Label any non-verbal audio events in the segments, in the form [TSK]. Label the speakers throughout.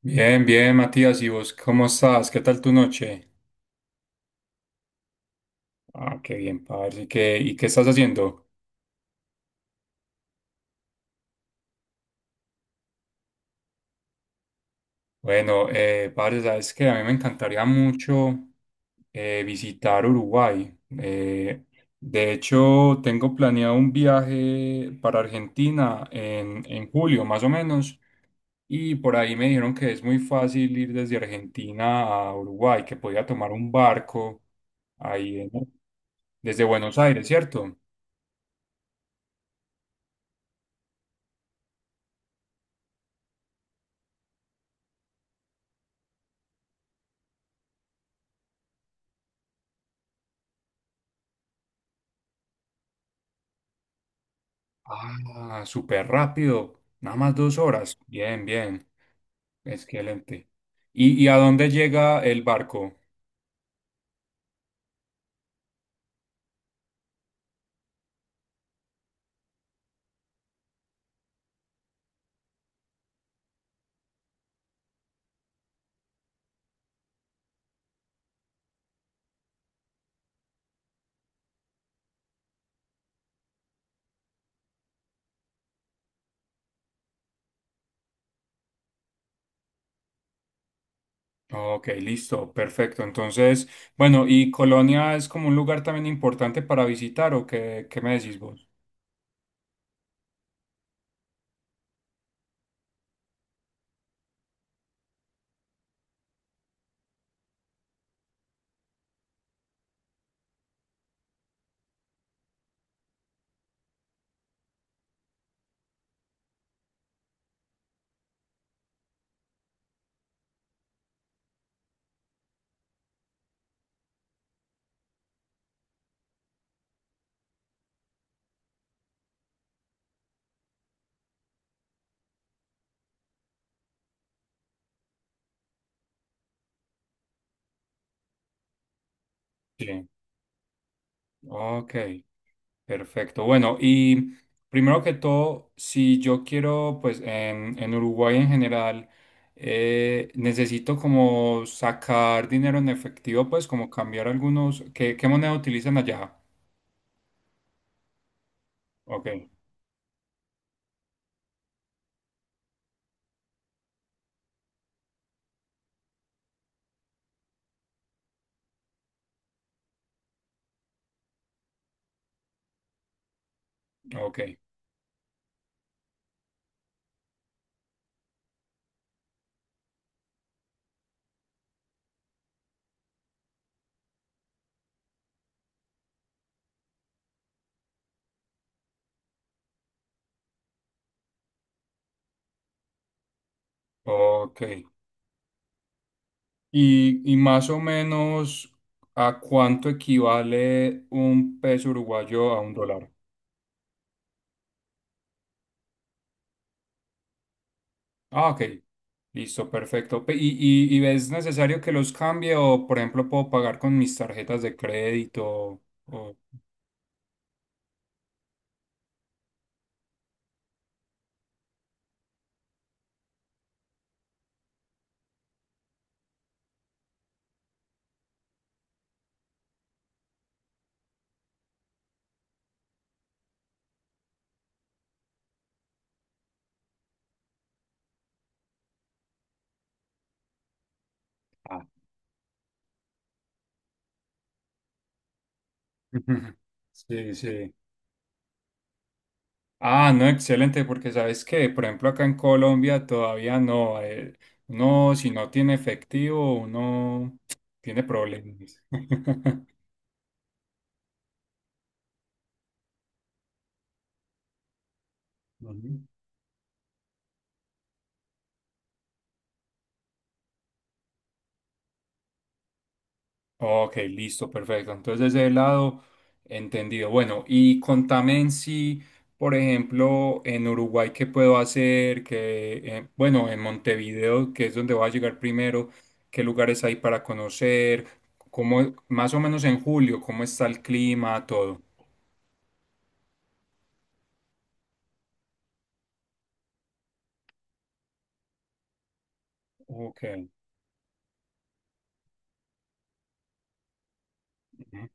Speaker 1: Bien, bien, Matías, ¿y vos cómo estás? ¿Qué tal tu noche? Ah, qué bien, parce. ¿Y qué estás haciendo? Bueno, parce, sabes que a mí me encantaría mucho visitar Uruguay. De hecho, tengo planeado un viaje para Argentina en julio, más o menos, y por ahí me dijeron que es muy fácil ir desde Argentina a Uruguay, que podía tomar un barco ahí en- desde Buenos Aires, ¿cierto? Ah, súper rápido. Nada más 2 horas. Bien, bien. Excelente. ¿Y a dónde llega el barco? Ok, listo, perfecto. Entonces, bueno, ¿y Colonia es como un lugar también importante para visitar o qué me decís vos? Sí. Ok. Perfecto. Bueno, y primero que todo, si yo quiero, pues en Uruguay en general, necesito como sacar dinero en efectivo, pues como cambiar algunos. ¿Qué moneda utilizan allá? Ok, ok, ok. Y más o menos, ¿a cuánto equivale un peso uruguayo a un dólar? Ah, ok. Listo, perfecto. Pe- ¿Y es necesario que los cambie o, por ejemplo, puedo pagar con mis tarjetas de crédito? O... Ah, [LAUGHS] Sí, sí. Ah, no, excelente, porque sabes que, por ejemplo, acá en Colombia todavía no. Uno, si no tiene efectivo, uno [TSK] tiene problemas. [LAUGHS] Ujú. Ok, listo, perfecto. Entonces, de ese lado, entendido. Bueno, y contame en sí, por ejemplo, en Uruguay, ¿qué puedo hacer? Que, bueno, en Montevideo, que es donde voy a llegar primero, ¿qué lugares hay para conocer? ¿Cómo, más o menos en julio, cómo está el clima, todo? Ok. Ujú,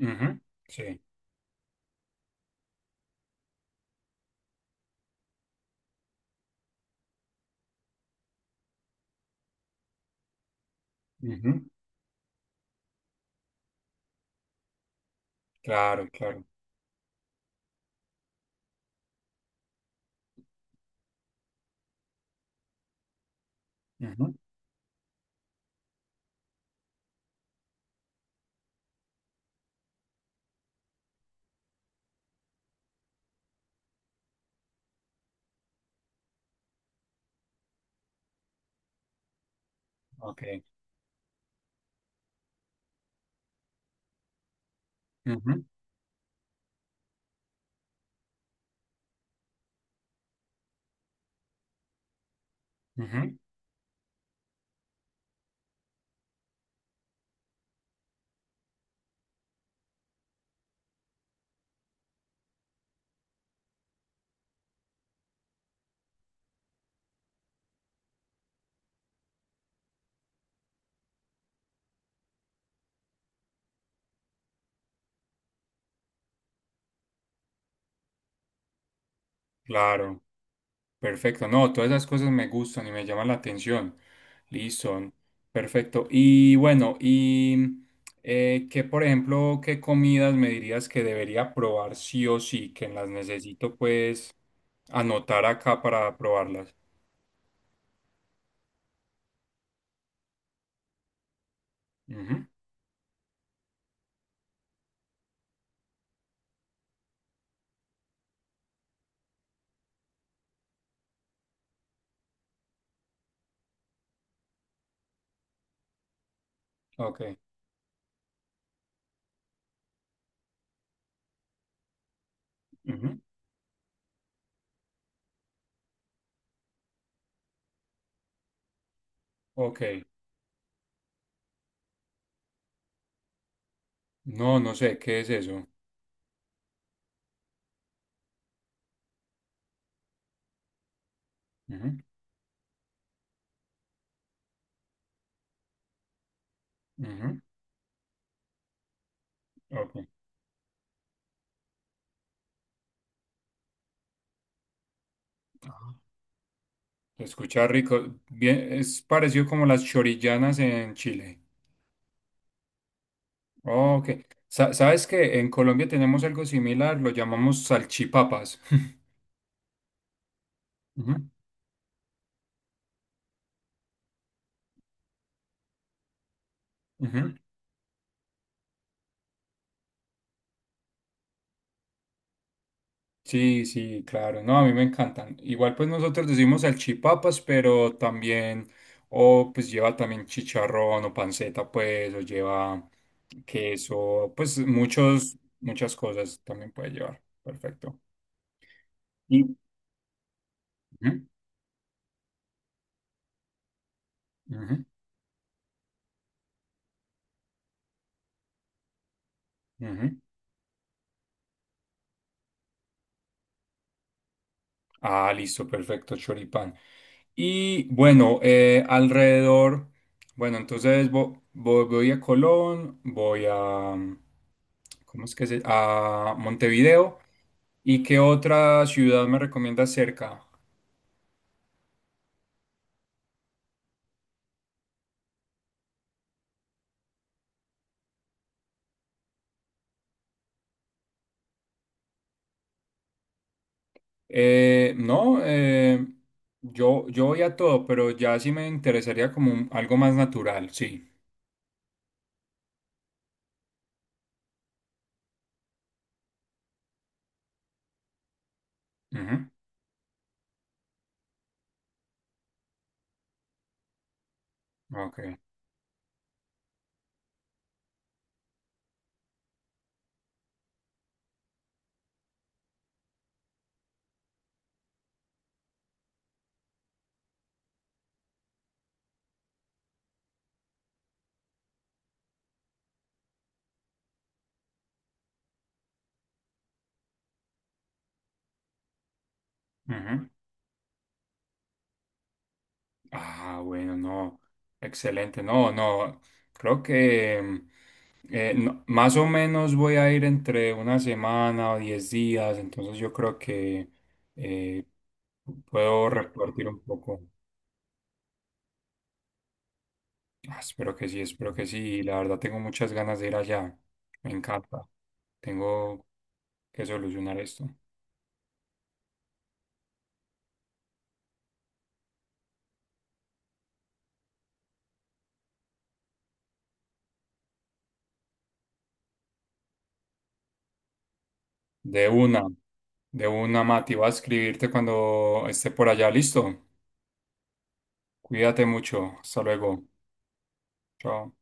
Speaker 1: ujú, sí. Ujú, claro, claro. Ujú, ok. Ujú, ujú, claro. Perfecto, no, todas esas cosas me gustan y me llaman la atención. Listo, perfecto. Y bueno, y qué, por ejemplo, qué comidas me dirías que debería probar sí o sí, que las necesito pues anotar acá para probarlas. Ujú, ok, ujú, ok. No, no sé, ¿qué es eso? Ujú, ujú, ok. Ah. Se escucha rico. Bien, es parecido como las chorillanas en Chile. Oh, ok. Sa- ¿Sabes que en Colombia tenemos algo similar? Lo llamamos salchipapas. [LAUGHS] Ujú, ujú. Sí, sí, claro. No, a mí me encantan. Igual pues nosotros decimos salchipapas, pero también, o pues lleva también chicharrón o panceta, pues, o lleva queso, pues muchos, muchas cosas también puede llevar. Perfecto. Y- ujú, ujú, ujú. Ah, listo, perfecto, choripán. Y bueno, entonces voy a Colón, voy a, mm, ¿cómo es que se? A Montevideo. ¿Y qué otra ciudad me recomienda cerca? No, yo voy a todo, pero ya sí me interesaría como un- algo más natural, sí. Ujú, ok. Ujú. Ah, bueno, no. Excelente. No, no. Creo que no- más o menos voy a ir entre una semana o 10 días. Entonces yo creo que eh, puedo repartir un poco. Ah, espero que sí, espero que sí. La verdad tengo muchas ganas de ir allá. Me encanta. Tengo que solucionar esto. De una, de una, Mati. Voy a escribirte cuando esté por allá. Listo. Cuídate mucho. Hasta luego. Chao.